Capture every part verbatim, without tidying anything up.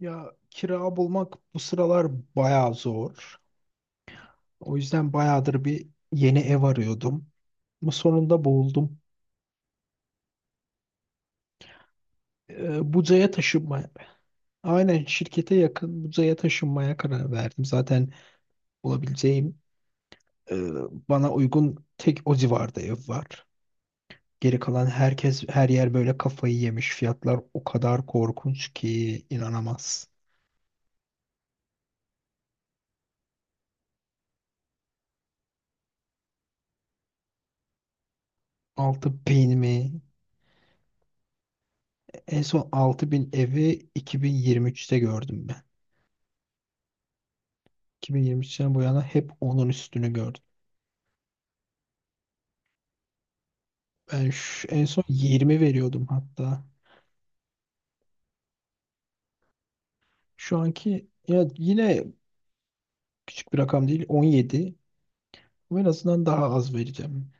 Ya kira bulmak bu sıralar bayağı zor. O yüzden bayağıdır bir yeni ev arıyordum. Ama sonunda buldum. Ee, Buca'ya taşınmaya. Aynen şirkete yakın Buca'ya taşınmaya karar verdim. Zaten bulabileceğim e, bana uygun tek o civarda ev var. Geri kalan herkes her yer böyle kafayı yemiş. Fiyatlar o kadar korkunç ki inanamaz. Altı bin mi? En son altı bin evi iki bin yirmi üçte gördüm. iki bin yirmi üçten bu yana hep onun üstünü gördüm. Ben şu, en son yirmi veriyordum hatta. Şu anki ya yine küçük bir rakam değil on yedi. Ama en azından daha az vereceğim.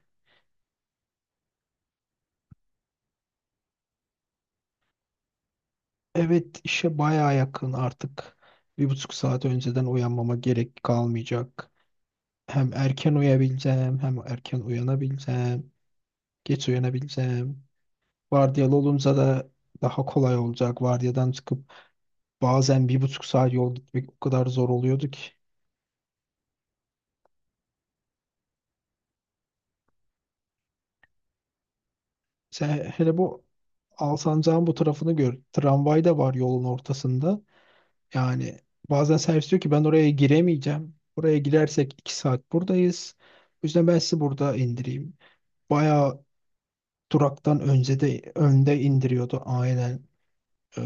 Evet, işe baya yakın artık. Bir buçuk saat önceden uyanmama gerek kalmayacak. Hem erken uyuyabileceğim hem erken uyanabileceğim. Geç uyanabileceğim. Vardiyalı olunca da daha kolay olacak. Vardiyadan çıkıp bazen bir buçuk saat yol gitmek o kadar zor oluyordu ki. Sen hele bu Alsancak'ın bu tarafını gör. Tramvay da var yolun ortasında. Yani bazen servis diyor ki ben oraya giremeyeceğim. Oraya girersek iki saat buradayız. O yüzden ben sizi burada indireyim. Bayağı duraktan önce de önde indiriyordu aynen. Ee,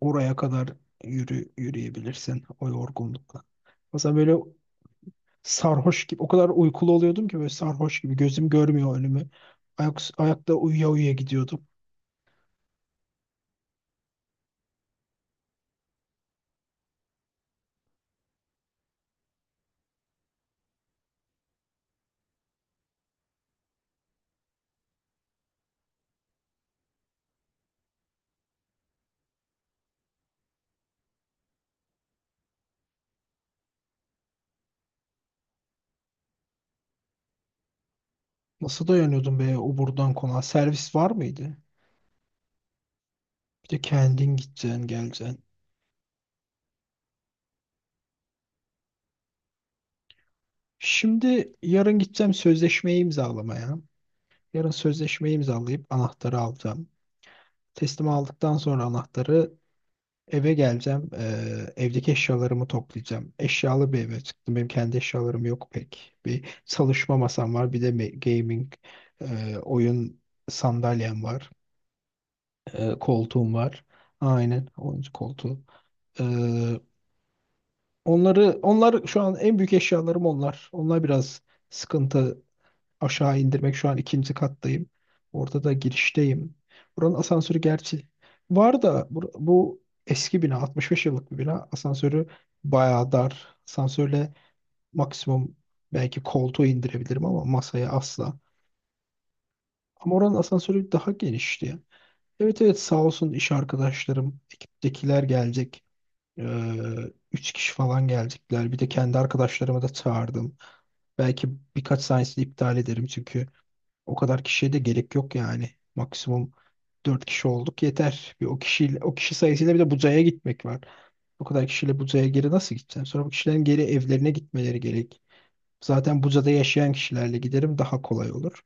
oraya kadar yürü, yürüyebilirsin o yorgunlukla. O böyle sarhoş gibi o kadar uykulu oluyordum ki böyle sarhoş gibi gözüm görmüyor önümü. Ayak, ayakta uyuya uyuya gidiyordum. Nasıl dayanıyordun be o buradan konağa? Servis var mıydı? Bir de kendin gideceksin, geleceksin. Şimdi yarın gideceğim sözleşmeyi imzalamaya. Yarın sözleşmeyi imzalayıp anahtarı alacağım. Teslim aldıktan sonra anahtarı eve geleceğim. Ee, evdeki eşyalarımı toplayacağım. Eşyalı bir eve çıktım. Benim kendi eşyalarım yok pek. Bir çalışma masam var. Bir de me- gaming, e, oyun sandalyem var. E, koltuğum var. Aynen oyuncu koltuğu. Ee, Onları onlar şu an en büyük eşyalarım onlar. Onlar biraz sıkıntı aşağı indirmek. Şu an ikinci kattayım. Orada da girişteyim. Buranın asansörü gerçi var da bu, bu eski bina altmış beş yıllık bir bina. Asansörü bayağı dar. Asansörle maksimum belki koltuğu indirebilirim ama masaya asla. Ama oranın asansörü daha genişti ya. Evet, evet, sağ olsun iş arkadaşlarım, ekiptekiler gelecek. Ee, üç kişi falan gelecekler. Bir de kendi arkadaşlarımı da çağırdım. Belki birkaç sahnesini iptal ederim çünkü o kadar kişiye de gerek yok yani. Maksimum dört kişi olduk yeter. Bir o kişiyle o kişi sayısıyla bir de Buca'ya gitmek var. O kadar kişiyle Buca'ya geri nasıl gideceğim? Sonra bu kişilerin geri evlerine gitmeleri gerek. Zaten Buca'da yaşayan kişilerle giderim daha kolay olur.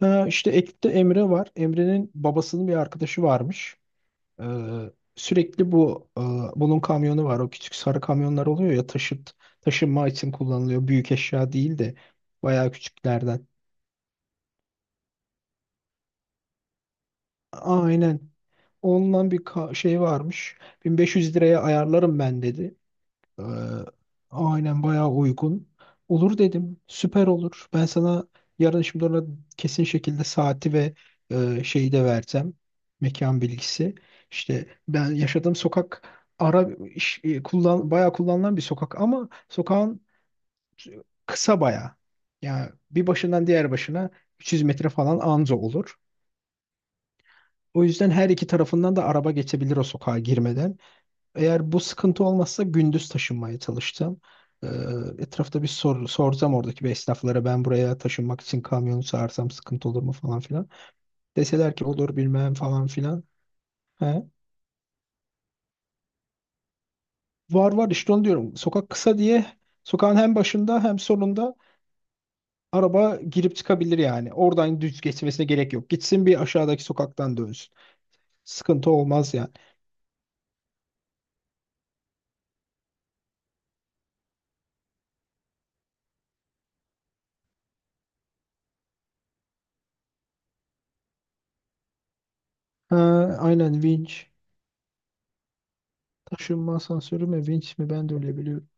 Ha, işte ekipte Emre var. Emre'nin babasının bir arkadaşı varmış. Ee, sürekli bu e, bunun kamyonu var. O küçük sarı kamyonlar oluyor ya taşıt taşınma için kullanılıyor. Büyük eşya değil de bayağı küçüklerden. Aynen. Ondan bir ka- şey varmış. bin beş yüz liraya ayarlarım ben dedi. Ee, aynen bayağı uygun. Olur dedim. Süper olur. Ben sana yarın şimdi ona kesin şekilde saati ve e, şeyi de versem. Mekan bilgisi. İşte ben yaşadığım sokak ara iş- e, kullan, bayağı kullanılan bir sokak ama sokağın kısa bayağı. Yani bir başından diğer başına üç yüz metre falan anca olur. O yüzden her iki tarafından da araba geçebilir o sokağa girmeden. Eğer bu sıkıntı olmazsa gündüz taşınmaya çalıştım. Ee, etrafta bir sor, sorsam oradaki bir esnaflara ben buraya taşınmak için kamyonu çağırsam sıkıntı olur mu falan filan. Deseler ki olur bilmem falan filan. He. Var var işte onu diyorum. Sokak kısa diye sokağın hem başında hem sonunda araba girip çıkabilir yani. Oradan düz geçmesine gerek yok. Gitsin bir aşağıdaki sokaktan dönsün. Sıkıntı olmaz yani. Ha, aynen vinç. Taşınma asansörü mü vinç mi ben de öyle biliyorum.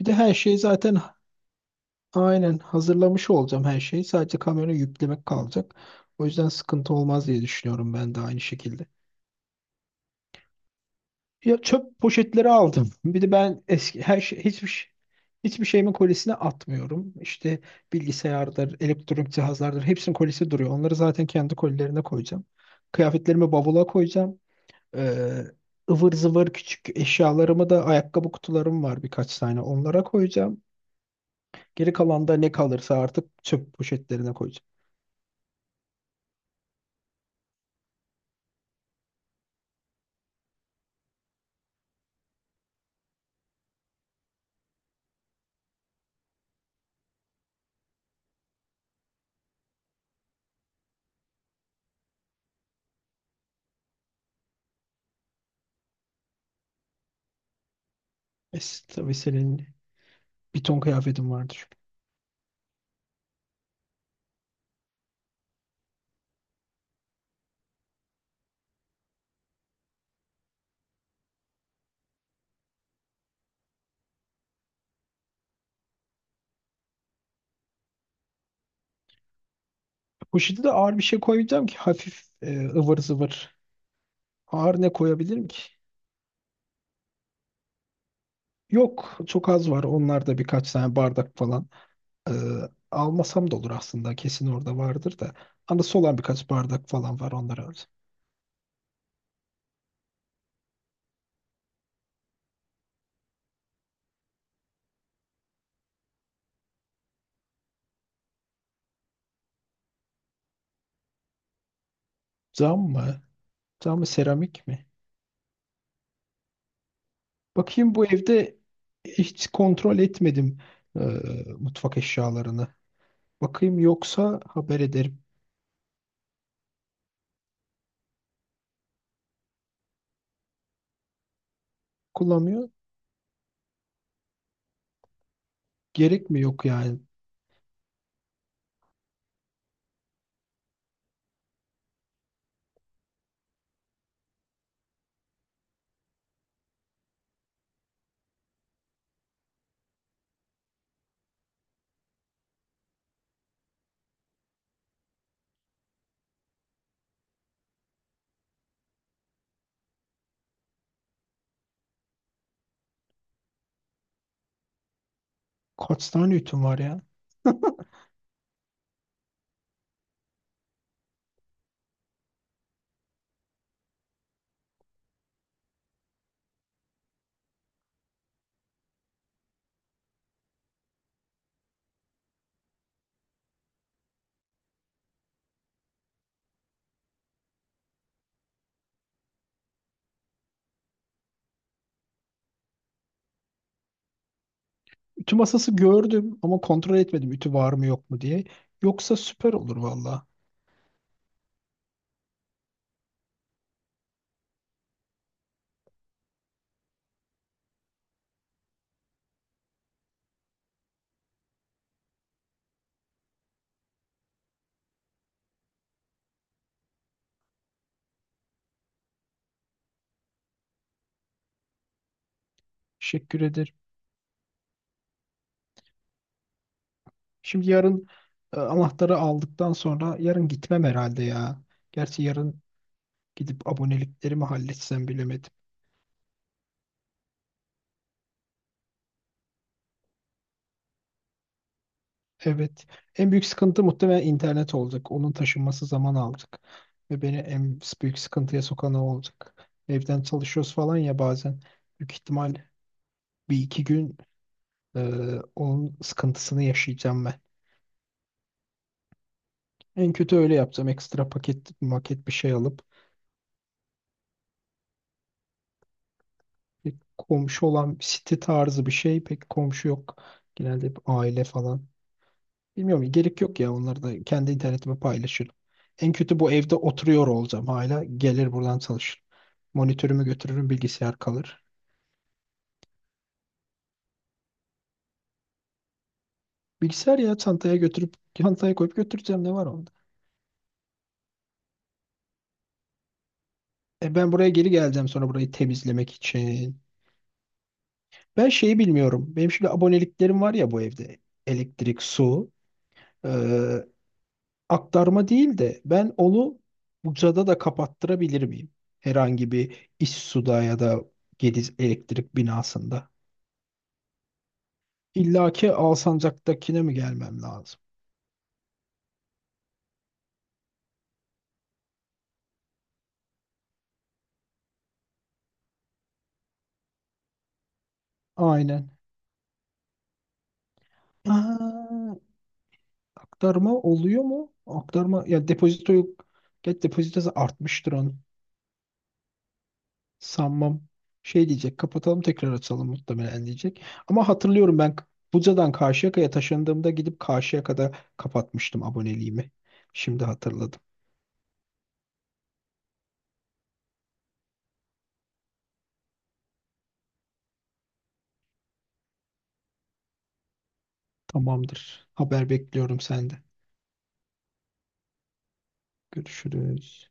Bir de her şey zaten, aynen hazırlamış olacağım her şeyi. Sadece kamera yüklemek kalacak. O yüzden sıkıntı olmaz diye düşünüyorum ben de aynı şekilde. Ya çöp poşetleri aldım. Bir de ben eski her şey hiçbir şey- hiçbir şeyimin kolisine atmıyorum. İşte bilgisayardır, elektronik cihazlardır hepsinin kolisi duruyor. Onları zaten kendi kolilerine koyacağım. Kıyafetlerimi bavula koyacağım. Ee, ıvır zıvır küçük eşyalarımı da ayakkabı kutularım var birkaç tane onlara koyacağım. Geri kalan da ne kalırsa artık çöp poşetlerine koyacağım. E, s- tabii senin bir ton kıyafetin vardır. Poşete de ağır bir şey koyacağım ki hafif e, ıvır zıvır. Ağır ne koyabilirim ki? Yok çok az var. Onlar da birkaç tane bardak falan. Ee, almasam da olur aslında. Kesin orada vardır da. Anısı olan birkaç bardak falan var. Onları alırım. Cam mı? Cam mı seramik mi? Bakayım bu evde hiç kontrol etmedim e, mutfak eşyalarını. Bakayım yoksa haber ederim. Kullanmıyor. Gerek mi yok yani? Kaç tane ütüm var ya? Ütü masası gördüm ama kontrol etmedim ütü var mı yok mu diye. Yoksa süper olur valla. Teşekkür ederim. Şimdi yarın e, anahtarı aldıktan sonra yarın gitmem herhalde ya. Gerçi yarın gidip aboneliklerimi halletsem bilemedim. Evet. En büyük sıkıntı muhtemelen internet olacak. Onun taşınması zaman alacak. Ve beni en büyük sıkıntıya sokan o olacak. Evden çalışıyoruz falan ya bazen. Büyük ihtimal bir iki gün e, onun sıkıntısını yaşayacağım ben. En kötü öyle yapsam ekstra paket maket bir şey alıp bir komşu olan bir site tarzı bir şey pek komşu yok. Genelde hep aile falan. Bilmiyorum gerek yok ya onları da kendi internetime paylaşırım. En kötü bu evde oturuyor olacağım hala. Gelir buradan çalışırım. Monitörümü götürürüm bilgisayar kalır. Bilgisayar ya çantaya götürüp çantaya koyup götüreceğim ne var onda? E ben buraya geri geleceğim sonra burayı temizlemek için. Ben şeyi bilmiyorum. Benim şimdi aboneliklerim var ya bu evde. Elektrik, su. aktarma değil de ben onu Buca'da da kapattırabilir miyim? Herhangi bir İssu'da ya da Gediz elektrik binasında. İlla ki Alsancak'takine mi gelmem lazım? Aynen. Aa, aktarma oluyor mu? Aktarma ya depozito yok. Get depozitosu artmıştır onun. Sanmam. Şey diyecek kapatalım tekrar açalım muhtemelen diyecek. Ama hatırlıyorum ben Buca'dan Karşıyaka'ya taşındığımda gidip Karşıyaka'da kapatmıştım aboneliğimi. Şimdi hatırladım. Tamamdır. Haber bekliyorum senden. Görüşürüz.